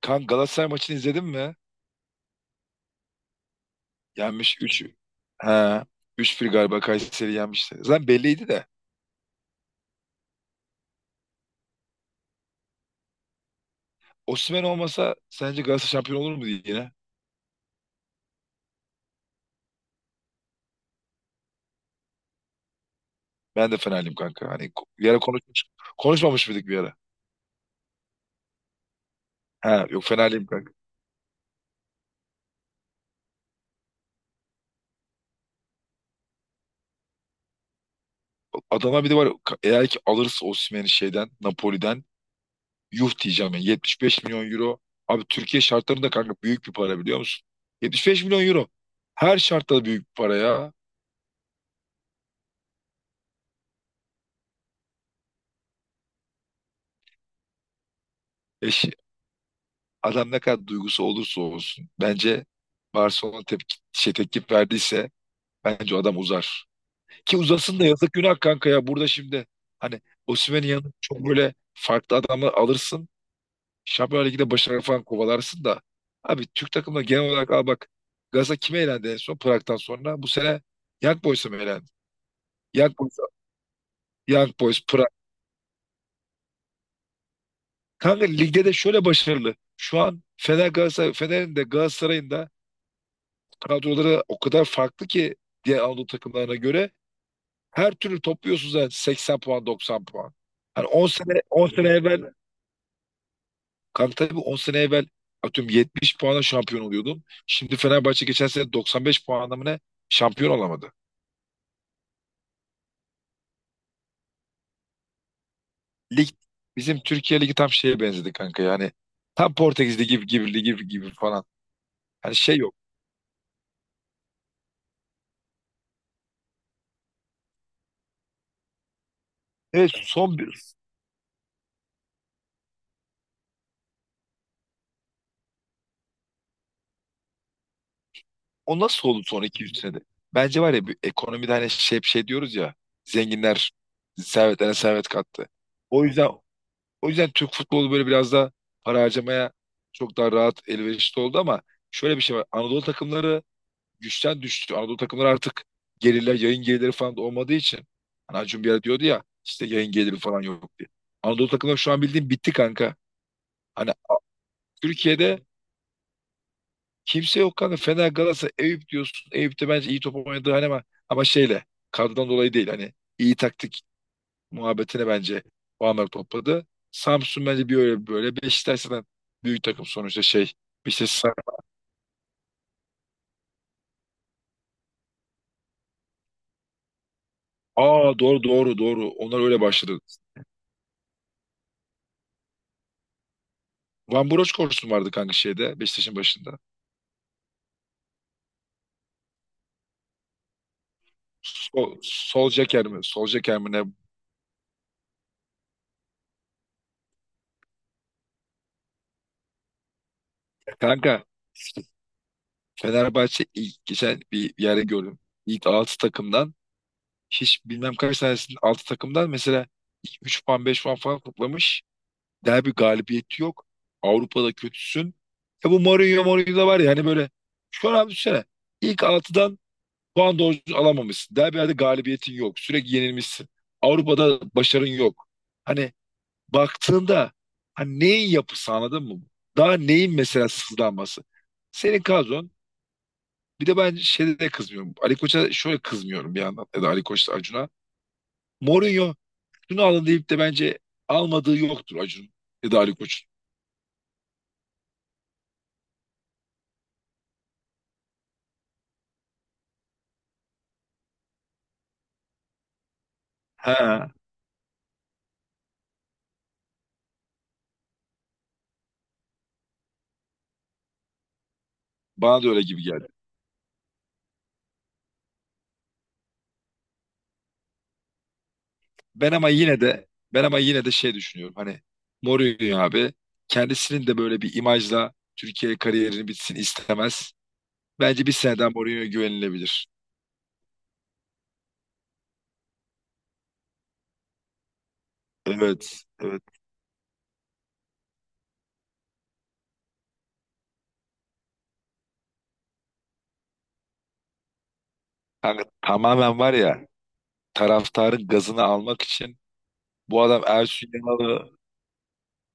Kan Galatasaray maçını izledin mi? Yenmiş 3, Ha, 3-1 galiba Kayseri yenmişti. Zaten belliydi de. Osimhen olmasa sence Galatasaray şampiyon olur mu diye yine? Ben de Fenerliyim kanka. Hani bir ara konuşmuş, konuşmamış mıydık bir ara? Ha, yok Fenerliyim kanka. Adama bir de var ya, eğer ki alırsa Osimhen'i şeyden Napoli'den yuh diyeceğim yani 75 milyon euro. Abi Türkiye şartlarında kanka büyük bir para biliyor musun? 75 milyon euro. Her şartta büyük bir para ya. Adam ne kadar duygusu olursa olsun bence Barcelona tepki verdiyse bence o adam uzar. Ki uzasın da yazık günah kanka ya burada şimdi. Hani Osimhen'in yanına çok böyle farklı adamı alırsın. Şampiyonlar Ligi'nde başarı falan kovalarsın da. Abi Türk takımına genel olarak al bak. Galatasaray kime elendi en son Prag'dan sonra? Bu sene Young Boys'a mı elendi? Young Boys, Young Boys, Prag. Kanka ligde de şöyle başarılı. Şu an Fener Galatasaray, Fener'in de Galatasaray'ın da kadroları o kadar farklı ki diğer Anadolu takımlarına göre her türlü topluyorsunuz zaten 80 puan 90 puan. Hani 10 sene evvel kanka tabii 10 sene evvel atıyorum 70 puana şampiyon oluyordun. Şimdi Fenerbahçe geçen sene 95 puanla mı ne şampiyon olamadı. Lig bizim Türkiye Ligi tam şeye benzedi kanka yani tam Portekiz Ligi gibi gibi ligi gibi falan. Hani şey yok. Evet. O nasıl oldu son 200 senede? Bence var ya bir ekonomide hani şey hep şey diyoruz ya zenginler servetlerine servet kattı. O yüzden o yüzden Türk futbolu böyle biraz da para harcamaya çok daha rahat elverişli oldu ama şöyle bir şey var. Anadolu takımları güçten düştü. Anadolu takımları artık gelirler, yayın gelirleri falan da olmadığı için. Hani Acun bir ara diyordu ya işte yayın geliri falan yok diye. Anadolu takımları şu an bildiğin bitti kanka. Hani Türkiye'de kimse yok kanka. Fener, Galatasaray, Eyüp diyorsun. Eyüp de bence iyi top oynadı hani ama, ama şeyle kadrodan dolayı değil. Hani iyi taktik muhabbetine bence puanlar topladı. Samsun bence bir öyle bir böyle. Beşiktaş zaten büyük takım sonuçta şey. İşte. Aa, doğru doğru doğru. Onlar öyle başladı. Van Broch koşusu vardı kanka şeyde Beşiktaş'ın başında. Sol Solskjaer mi? Sol mi ne? Kanka Fenerbahçe ilk geçen bir yere gördüm. İlk altı takımdan hiç bilmem kaç tanesinin altı takımdan mesela 3 puan 5 puan falan toplamış. Derbi galibiyeti yok. Avrupa'da kötüsün. E bu Mourinho Mourinho da var ya hani böyle şu an abi düşünsene. İlk altıdan puan doğru düzgün alamamışsın. Derbilerde galibiyetin yok. Sürekli yenilmişsin. Avrupa'da başarın yok. Hani baktığında hani neyin yapısı anladın mı? Daha neyin mesela sızlanması? Senin kadron bir de ben şeyde de kızmıyorum. Ali Koç'a şöyle kızmıyorum bir yandan ya da Ali Koç'la Acun'a. Mourinho şunu alın deyip de bence almadığı yoktur Acun ya da Ali Koç'un. Ha, bana da öyle gibi geldi. Ben ama yine de ben ama yine de şey düşünüyorum. Hani Mourinho abi kendisinin de böyle bir imajla Türkiye kariyerini bitsin istemez. Bence bir seneden Mourinho'ya güvenilebilir. Evet, evet. Kanka, tamamen var ya taraftarın gazını almak için bu adam Ersun Yanal'ı...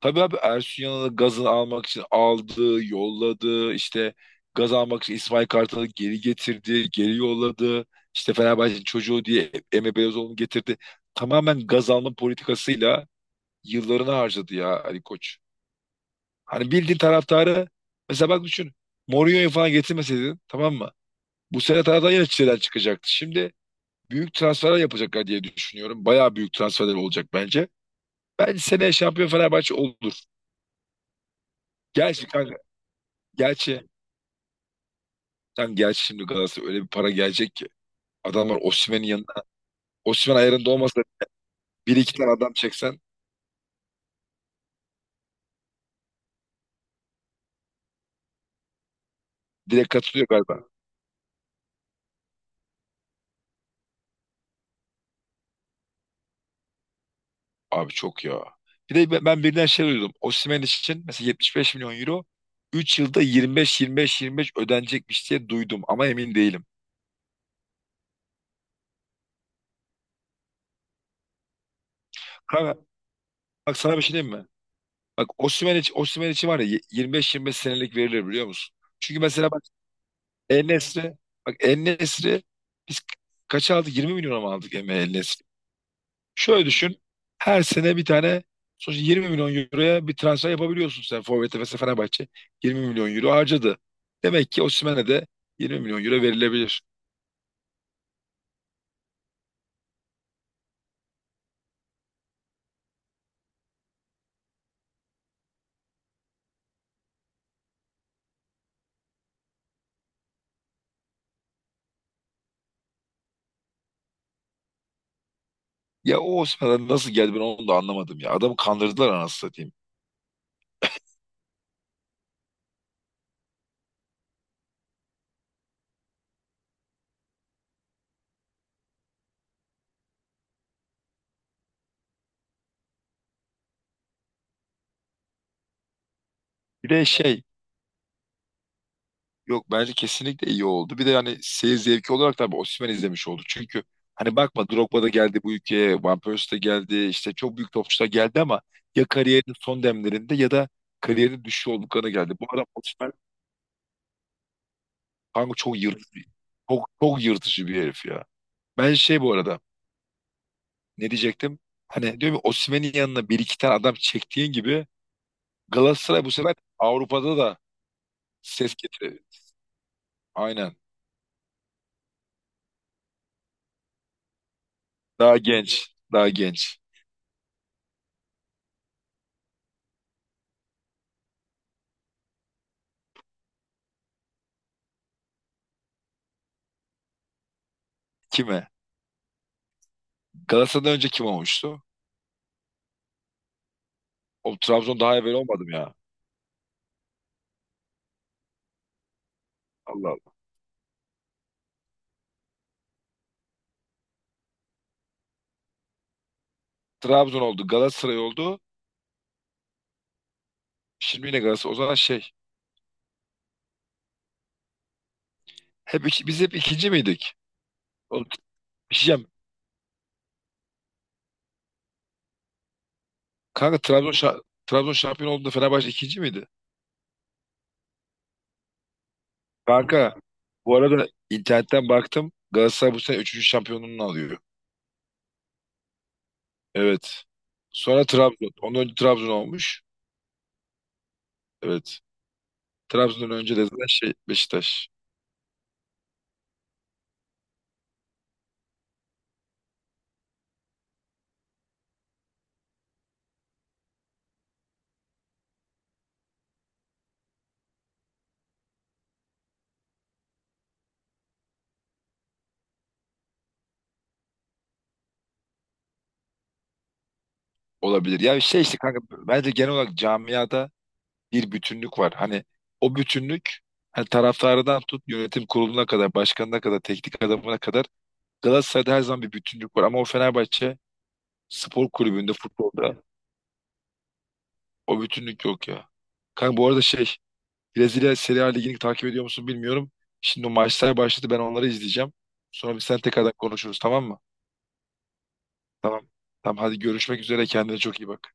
Tabii abi, Ersun Yanal'ı gazını almak için aldı, yolladı. İşte gaz almak için İsmail Kartal'ı geri getirdi, geri yolladı. İşte Fenerbahçe'nin çocuğu diye Emre Belezoğlu'nu getirdi. Tamamen gaz alma politikasıyla yıllarını harcadı ya Ali Koç. Hani bildiğin taraftarı mesela bak düşün. Mourinho'yu falan getirmeseydin tamam mı? Bu sene taraftar yine çileden çıkacaktı. Şimdi büyük transferler yapacaklar diye düşünüyorum. Bayağı büyük transferler olacak bence. Bence seneye şampiyon Fenerbahçe olur. Gerçi kanka, gerçi sen gel şimdi Galatasaray öyle bir para gelecek ki. Adamlar Osimhen'in yanına. Osimhen ayarında olmasa bir iki tane adam çeksen direkt katılıyor galiba. Abi çok ya. Bir de ben birden şey duydum. Osimhen için mesela 75 milyon euro 3 yılda 25-25-25 ödenecekmiş diye duydum ama emin değilim. Kanka bak sana bir şey diyeyim mi? Bak Osimhen için, Osimhen için var ya 25-25 senelik verilir biliyor musun? Çünkü mesela bak En-Nesyri bak En-Nesyri biz kaça aldık? 20 milyona mı aldık Şöyle düşün. Her sene bir tane sonuçta 20 milyon euroya bir transfer yapabiliyorsun sen Forvet'e mesela Fenerbahçe 20 milyon euro harcadı. Demek ki Osimhen'e de 20 milyon euro verilebilir. Ya o Osimhen'e nasıl geldi ben onu da anlamadım ya. Adamı kandırdılar anasını satayım. Bir de şey yok bence kesinlikle iyi oldu. Bir de hani seyir zevki olarak tabii Osimhen izlemiş oldu. Çünkü hani bakma Drogba da geldi bu ülkeye, Van Persie de geldi, işte çok büyük topçular geldi ama ya kariyerinin son demlerinde ya da kariyerinin düşüşü olduklarına geldi. Bu adam Osimhen... Kanka çok yırtıcı. Çok, çok yırtıcı bir herif ya. Ben şey bu arada ne diyecektim? Hani diyorum ya Osimhen'in yanına bir iki tane adam çektiğin gibi Galatasaray bu sefer Avrupa'da da ses getirdi. Aynen. Daha genç. Daha genç. Kime? Galatasaray'dan önce kim olmuştu? O Trabzon daha evvel olmadım ya. Allah Allah. Trabzon oldu. Galatasaray oldu. Şimdi yine Galatasaray. O zaman şey. Biz hep ikinci miydik? Oğlum, bir şey diyeceğim. Kanka Trabzon şampiyon olduğunda Fenerbahçe ikinci miydi? Kanka bu arada internetten baktım. Galatasaray bu sene üçüncü şampiyonluğunu alıyor. Evet. Sonra Trabzon. Ondan önce Trabzon olmuş. Evet. Trabzon'dan önce de zaten şey Beşiktaş olabilir. Ya şey işte kanka bence genel olarak camiada bir bütünlük var. Hani o bütünlük hani taraftarından tut yönetim kuruluna kadar, başkanına kadar, teknik adamına kadar Galatasaray'da her zaman bir bütünlük var. Ama o Fenerbahçe spor kulübünde, futbolda o bütünlük yok ya. Kanka bu arada şey Brezilya Serie A Ligi'ni takip ediyor musun bilmiyorum. Şimdi o maçlar başladı ben onları izleyeceğim. Sonra sen tekrardan konuşuruz tamam mı? Tamam. Tamam hadi görüşmek üzere kendine çok iyi bak.